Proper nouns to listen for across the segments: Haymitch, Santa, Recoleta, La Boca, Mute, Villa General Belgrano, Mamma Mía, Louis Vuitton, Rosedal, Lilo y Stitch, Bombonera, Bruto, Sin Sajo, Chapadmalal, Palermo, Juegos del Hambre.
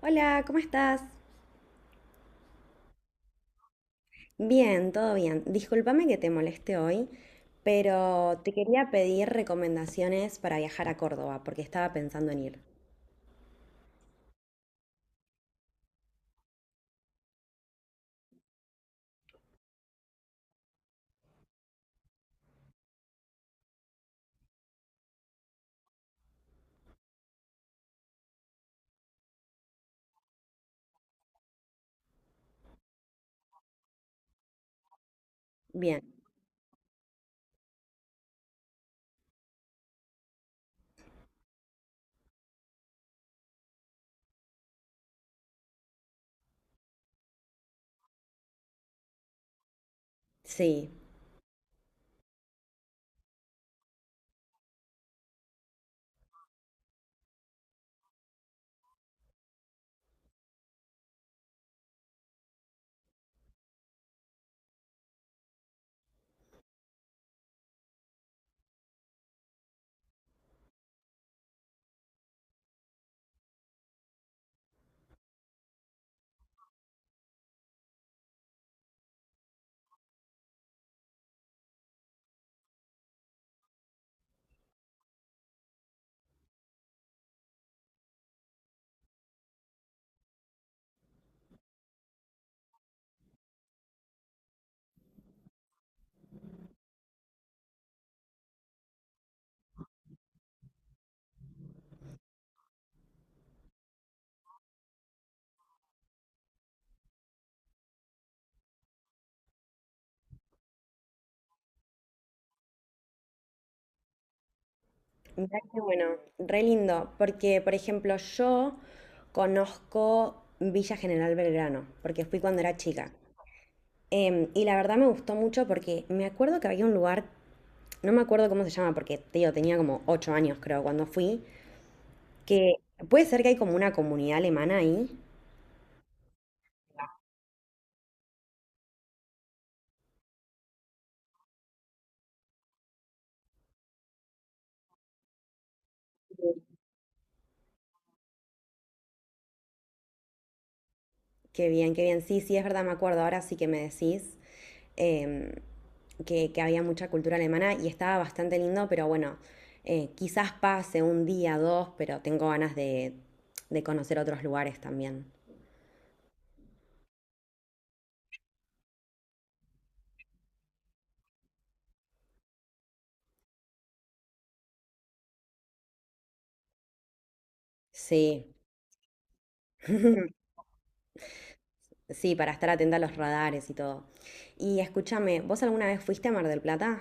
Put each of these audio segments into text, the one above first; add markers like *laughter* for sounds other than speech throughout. Hola, ¿cómo estás? Bien, todo bien. Discúlpame que te moleste hoy, pero te quería pedir recomendaciones para viajar a Córdoba, porque estaba pensando en ir. Bien, sí. Mirá que bueno, re lindo, porque por ejemplo yo conozco Villa General Belgrano, porque fui cuando era chica. Y la verdad me gustó mucho porque me acuerdo que había un lugar, no me acuerdo cómo se llama, porque te digo, tenía como 8 años creo cuando fui, que puede ser que hay como una comunidad alemana ahí. Qué bien, qué bien. Sí, sí, es verdad, me acuerdo. Ahora sí que me decís em, que había mucha cultura alemana y estaba bastante lindo, pero bueno, quizás pase un día, dos, pero tengo ganas de conocer otros lugares también. Sí, *laughs* sí, para estar atenta a los radares y todo. Y escúchame, ¿vos alguna vez fuiste a Mar del Plata?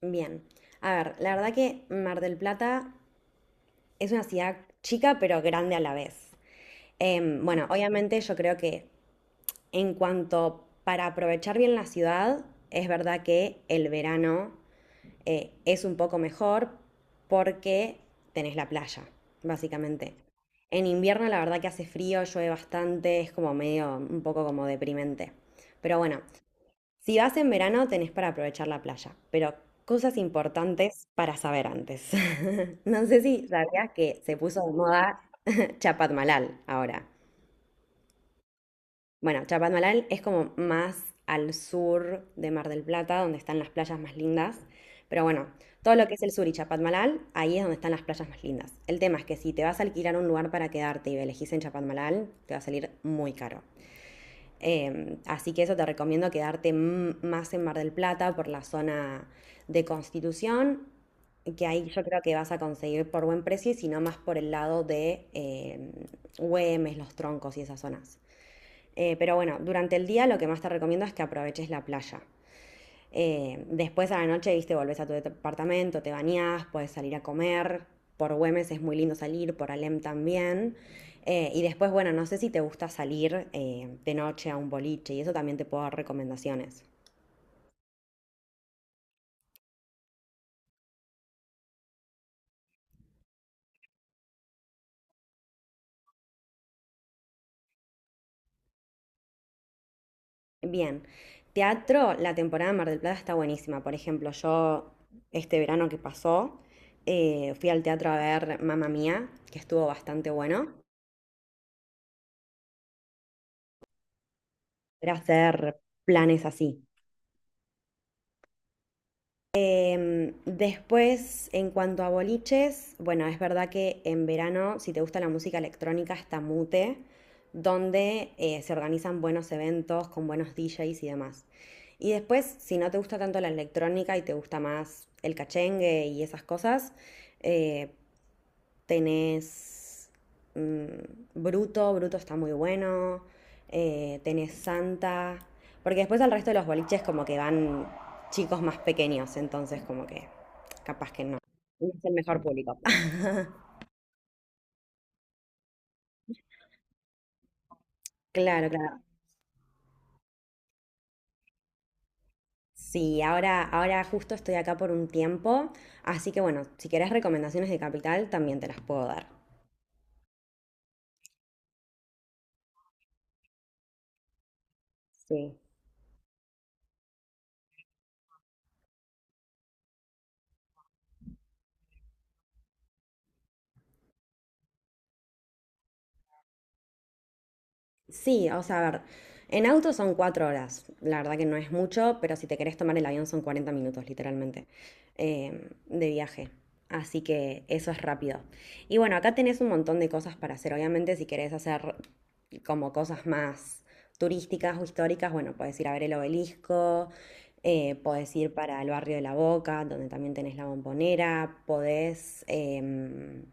Bien. A ver, la verdad que Mar del Plata es una ciudad chica pero grande a la vez. Bueno, obviamente yo creo que en cuanto para aprovechar bien la ciudad, es verdad que el verano es un poco mejor porque tenés la playa, básicamente. En invierno la verdad que hace frío, llueve bastante, es como medio un poco como deprimente. Pero bueno, si vas en verano, tenés para aprovechar la playa, pero cosas importantes para saber antes. *laughs* No sé si sabías que se puso de moda *laughs* Chapadmalal ahora. Bueno, Chapadmalal es como más al sur de Mar del Plata, donde están las playas más lindas. Pero bueno, todo lo que es el sur y Chapadmalal, ahí es donde están las playas más lindas. El tema es que si te vas a alquilar un lugar para quedarte y elegís en Chapadmalal, te va a salir muy caro. Así que eso te recomiendo quedarte más en Mar del Plata por la zona de Constitución, que ahí yo creo que vas a conseguir por buen precio, y si no más por el lado de Güemes, Los Troncos y esas zonas. Pero bueno, durante el día lo que más te recomiendo es que aproveches la playa. Después a la noche, viste, volvés a tu departamento, te bañás, puedes salir a comer. Por Güemes es muy lindo salir, por Alem también. Y después, bueno, no sé si te gusta salir de noche a un boliche y eso también te puedo dar recomendaciones. Bien, teatro, la temporada de Mar del Plata está buenísima. Por ejemplo, yo este verano que pasó fui al teatro a ver Mamma Mía, que estuvo bastante bueno. Era hacer planes así. Después, en cuanto a boliches, bueno, es verdad que en verano, si te gusta la música electrónica, está Mute, donde se organizan buenos eventos con buenos DJs y demás. Y después, si no te gusta tanto la electrónica y te gusta más el cachengue y esas cosas, eh, tenés mm, Bruto, Bruto está muy bueno. Tenés Santa. Porque después al resto de los boliches como que van chicos más pequeños, entonces como que capaz que no. No es el mejor público. *laughs* Claro, claro. Sí, ahora, ahora justo estoy acá por un tiempo, así que bueno, si querés recomendaciones de Capital, también te las puedo dar. Sí. Sí, o sea, a ver, en auto son cuatro horas, la verdad que no es mucho, pero si te querés tomar el avión son 40 minutos, literalmente, eh, de viaje. Así que eso es rápido. Y bueno, acá tenés un montón de cosas para hacer. Obviamente, si querés hacer como cosas más turísticas o históricas, bueno, podés ir a ver el obelisco, podés ir para el barrio de La Boca, donde también tenés la Bombonera, podés...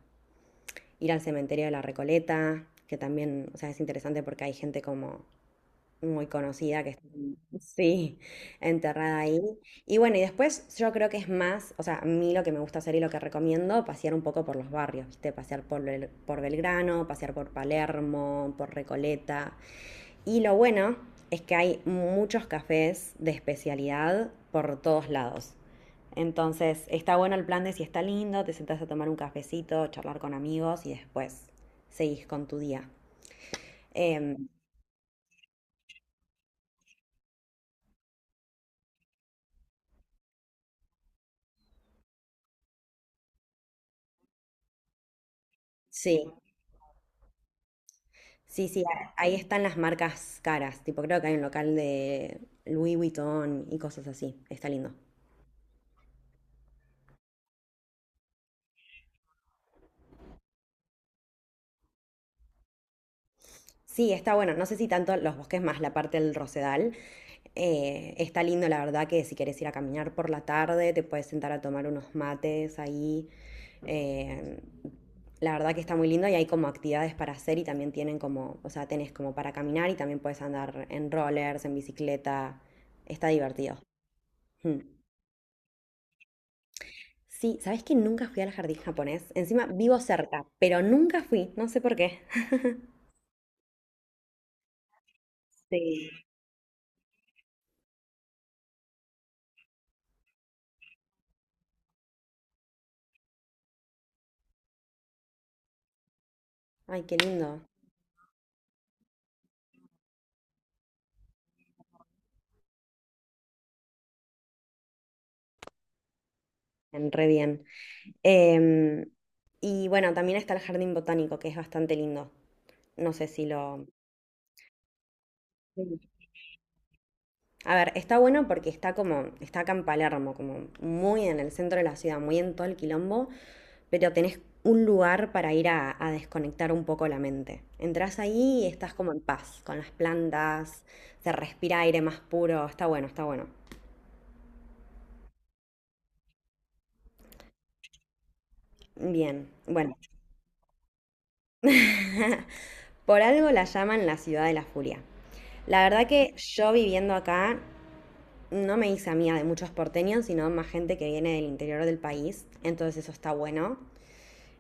ir al cementerio de la Recoleta, que también, o sea, es interesante porque hay gente como muy conocida que está, sí, enterrada ahí. Y bueno, y después yo creo que es más, o sea, a mí lo que me gusta hacer y lo que recomiendo, pasear un poco por los barrios, ¿viste? Pasear por, por Belgrano, pasear por Palermo, por Recoleta, y lo bueno es que hay muchos cafés de especialidad por todos lados. Entonces, está bueno el plan de si está lindo, te sentás a tomar un cafecito, charlar con amigos y después seguís con tu día. Em, sí, sí, sí, ahí están las marcas caras. Tipo, creo que hay un local de Louis Vuitton y cosas así. Está lindo. Sí, está bueno. No sé si tanto los bosques más la parte del Rosedal. Está lindo, la verdad, que si quieres ir a caminar por la tarde, te puedes sentar a tomar unos mates ahí. Eh, la verdad que está muy lindo y hay como actividades para hacer y también tienen como, o sea, tenés como para caminar y también puedes andar en rollers, en bicicleta. Está divertido. Mm. Sí, ¿sabés que nunca fui al jardín japonés? Encima vivo cerca, pero nunca fui, no sé por qué. *laughs* Sí. Ay, qué lindo. En Re bien. Em, y bueno, también está el jardín botánico, que es bastante lindo. No sé si lo... Sí. A ver, está bueno porque está como, está acá en Palermo, como muy en el centro de la ciudad, muy en todo el quilombo, pero tenés un lugar para ir a desconectar un poco la mente. Entrás ahí y estás como en paz, con las plantas, se respira aire más puro, está bueno, está bueno. Bien, bueno, *laughs* por algo la llaman la ciudad de la furia. La verdad que yo viviendo acá no me hice amiga de muchos porteños, sino más gente que viene del interior del país, entonces eso está bueno.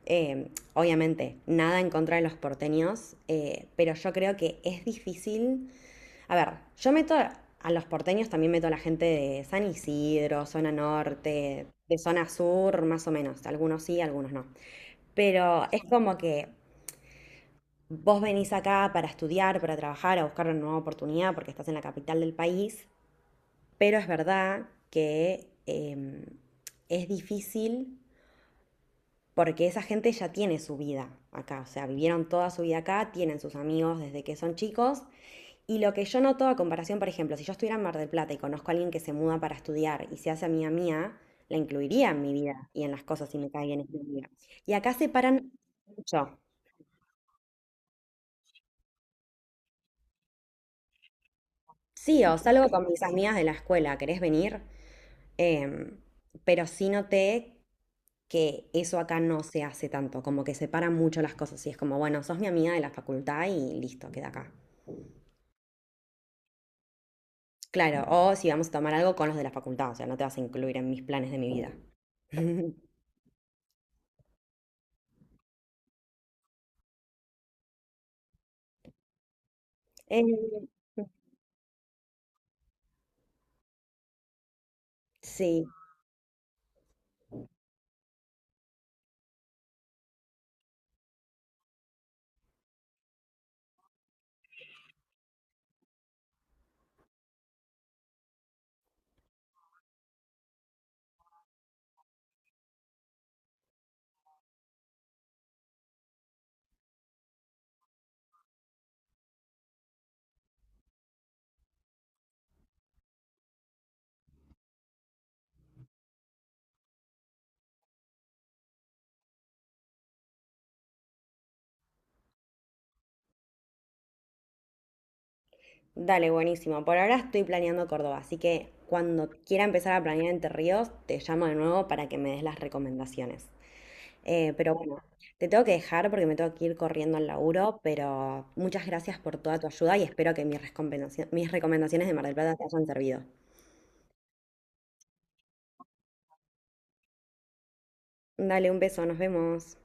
Obviamente, nada en contra de los porteños, pero yo creo que es difícil. A ver, yo meto a los porteños, también meto a la gente de San Isidro, zona norte, de zona sur, más o menos. Algunos sí, algunos no. Pero es como que vos venís acá para estudiar, para trabajar, a buscar una nueva oportunidad porque estás en la capital del país pero es verdad que es difícil porque esa gente ya tiene su vida acá, o sea, vivieron toda su vida acá, tienen sus amigos desde que son chicos. Y lo que yo noto a comparación, por ejemplo, si yo estuviera en Mar del Plata y conozco a alguien que se muda para estudiar y se hace amiga mía, la incluiría en mi vida y en las cosas si me cae bien esa amiga. Y acá separan mucho. Sí, o salgo con mis amigas de la escuela, ¿querés venir? Em, pero sí noté que eso acá no se hace tanto, como que separan mucho las cosas y es como, bueno, sos mi amiga de la facultad y listo, queda acá. Claro, o si vamos a tomar algo con los de la facultad, o sea, no te vas a incluir en mis planes de mi vida. *laughs* Eh, sí, dale, buenísimo. Por ahora estoy planeando Córdoba, así que cuando quiera empezar a planear Entre Ríos, te llamo de nuevo para que me des las recomendaciones. Pero bueno, te tengo que dejar porque me tengo que ir corriendo al laburo, pero muchas gracias por toda tu ayuda y espero que mis mis recomendaciones de Mar del Plata te hayan servido. Dale un beso, nos vemos.